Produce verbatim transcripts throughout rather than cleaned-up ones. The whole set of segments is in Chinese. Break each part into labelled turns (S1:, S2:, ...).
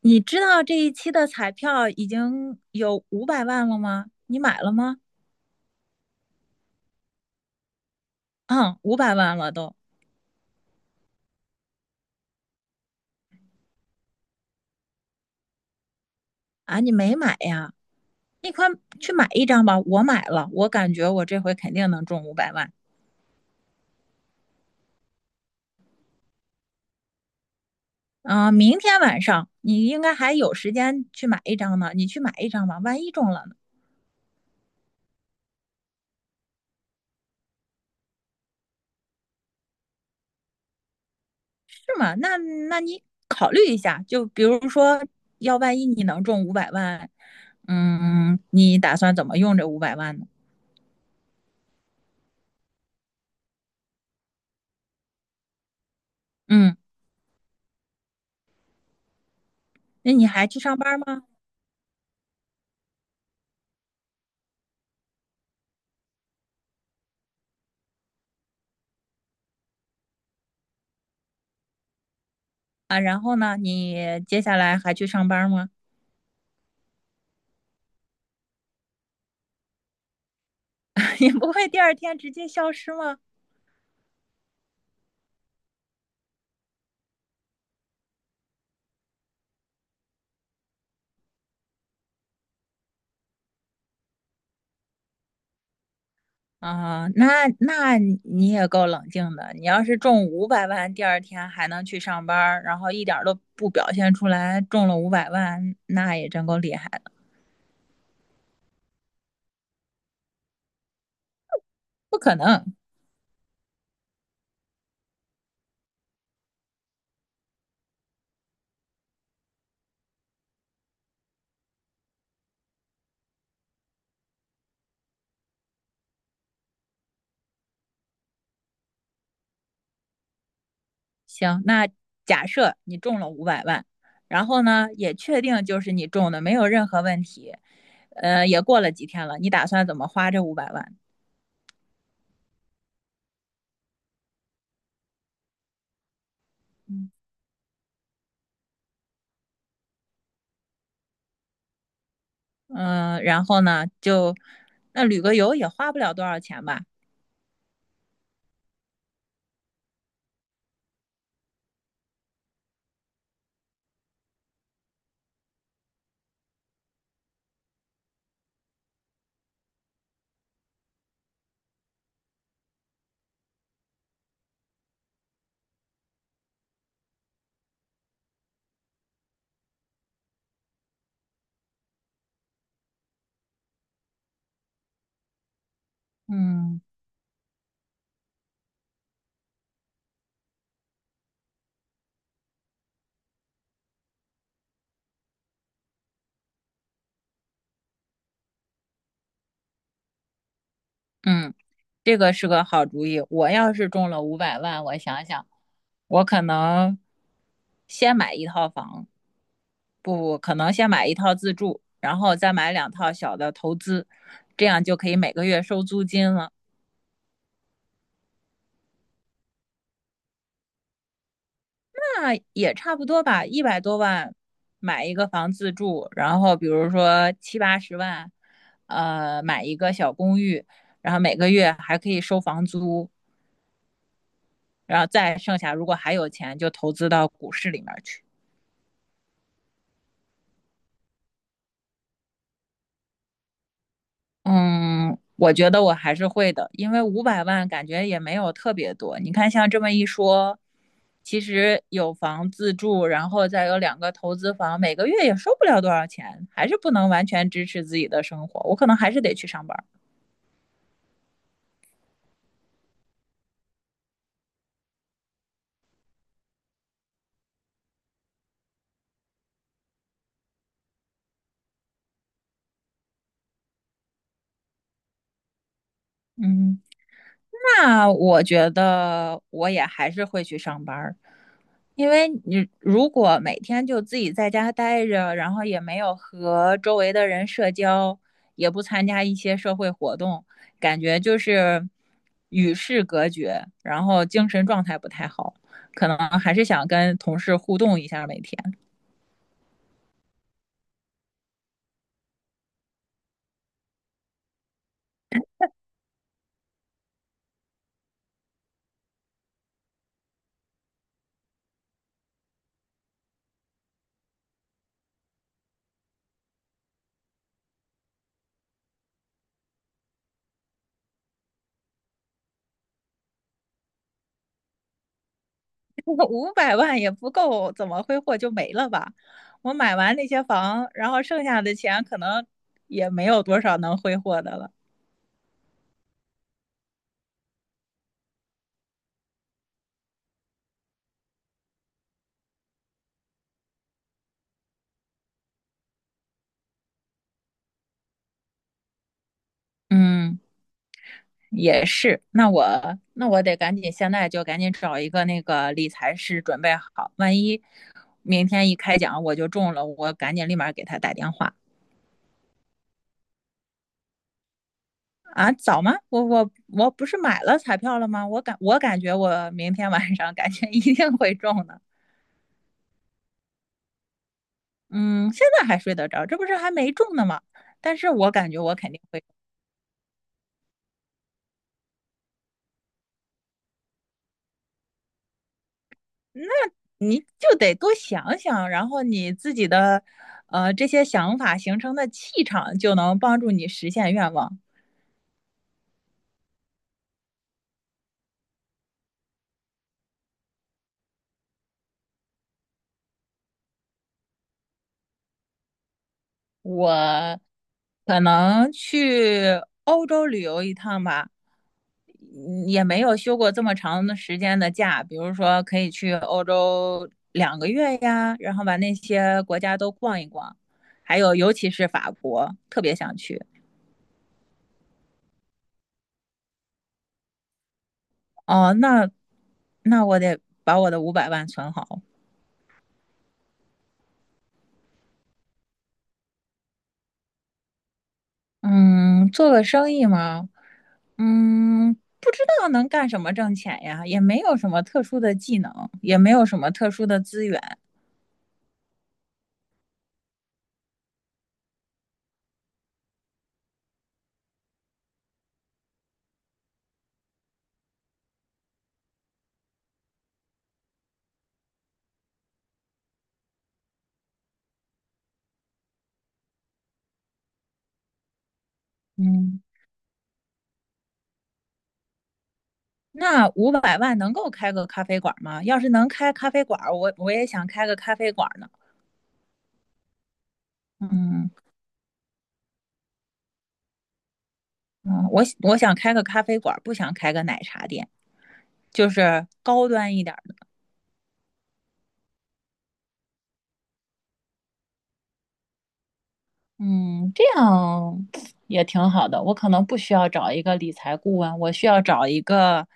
S1: 你知道这一期的彩票已经有五百万了吗？你买了吗？嗯，五百万了都。啊！你没买呀？你快去买一张吧！我买了，我感觉我这回肯定能中五百万。啊！明天晚上你应该还有时间去买一张呢，你去买一张吧，万一中了呢。是吗？那那你考虑一下，就比如说，要万一你能中五百万，嗯，你打算怎么用这五百万呢？嗯，那你还去上班吗？啊，然后呢，你接下来还去上班吗？你不会第二天直接消失吗？啊，那那你也够冷静的。你要是中五百万，第二天还能去上班，然后一点都不表现出来中了五百万，那也真够厉害的。不可能。行，那假设你中了五百万，然后呢，也确定就是你中的，没有任何问题。呃，也过了几天了，你打算怎么花这五百万？嗯，然后呢，就那旅个游也花不了多少钱吧？嗯，嗯，这个是个好主意。我要是中了五百万，我想想，我可能先买一套房，不不，可能先买一套自住，然后再买两套小的投资，这样就可以每个月收租金了。那也差不多吧，一百多万买一个房自住，然后比如说七八十万，呃，买一个小公寓，然后每个月还可以收房租，然后再剩下如果还有钱就投资到股市里面去。嗯，我觉得我还是会的，因为五百万感觉也没有特别多。你看，像这么一说，其实有房自住，然后再有两个投资房，每个月也收不了多少钱，还是不能完全支持自己的生活。我可能还是得去上班儿。嗯。那我觉得我也还是会去上班儿，因为你如果每天就自己在家待着，然后也没有和周围的人社交，也不参加一些社会活动，感觉就是与世隔绝，然后精神状态不太好，可能还是想跟同事互动一下每天。五百万也不够，怎么挥霍就没了吧？我买完那些房，然后剩下的钱可能也没有多少能挥霍的了。嗯，也是。那我那我得赶紧，现在就赶紧找一个那个理财师准备好，万一明天一开奖我就中了，我赶紧立马给他打电话。啊！早吗？我我我不是买了彩票了吗？我感我感觉我明天晚上感觉一定会中的。嗯，现在还睡得着，这不是还没中呢吗？但是我感觉我肯定会。你就得多想想，然后你自己的，呃，这些想法形成的气场，就能帮助你实现愿望。我可能去欧洲旅游一趟吧，嗯，也没有休过这么长的时间的假，比如说可以去欧洲两个月呀，然后把那些国家都逛一逛，还有尤其是法国，特别想去。哦，那那我得把我的五百万存好。嗯，做个生意嘛，嗯，不知道能干什么挣钱呀，也没有什么特殊的技能，也没有什么特殊的资源。嗯，那五百万能够开个咖啡馆吗？要是能开咖啡馆儿我我也想开个咖啡馆儿呢。嗯，嗯，我我想开个咖啡馆儿不想开个奶茶店，就是高端一点儿的。嗯，这样 也挺好的。我可能不需要找一个理财顾问，我需要找一个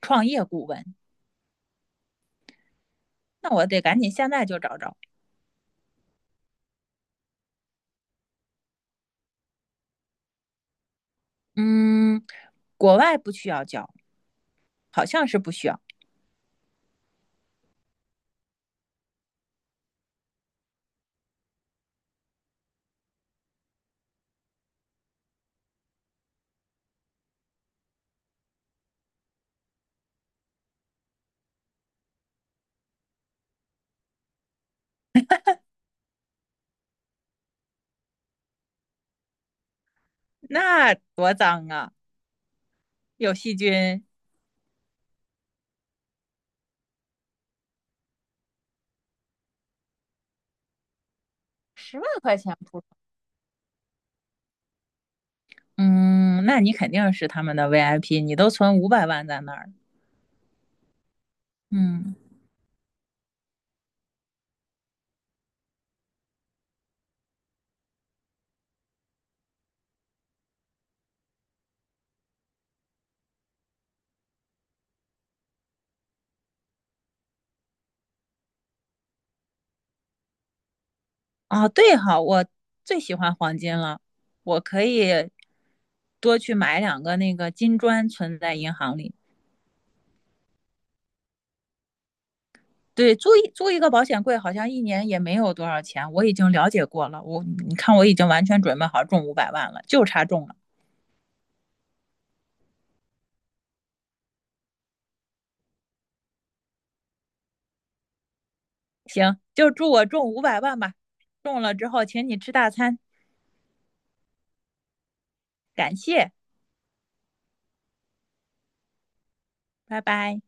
S1: 创业顾问。那我得赶紧现在就找找。嗯，国外不需要交，好像是不需要。那多脏啊，有细菌。十万块钱不嗯，那你肯定是他们的 V I P，你都存五百万在那儿。嗯，哦，对哈，我最喜欢黄金了，我可以多去买两个那个金砖存在银行里。对，租一租一个保险柜，好像一年也没有多少钱。我已经了解过了，我你看我已经完全准备好中五百万了，就差中了。行，就祝我中五百万吧。中了之后，请你吃大餐，感谢，拜拜。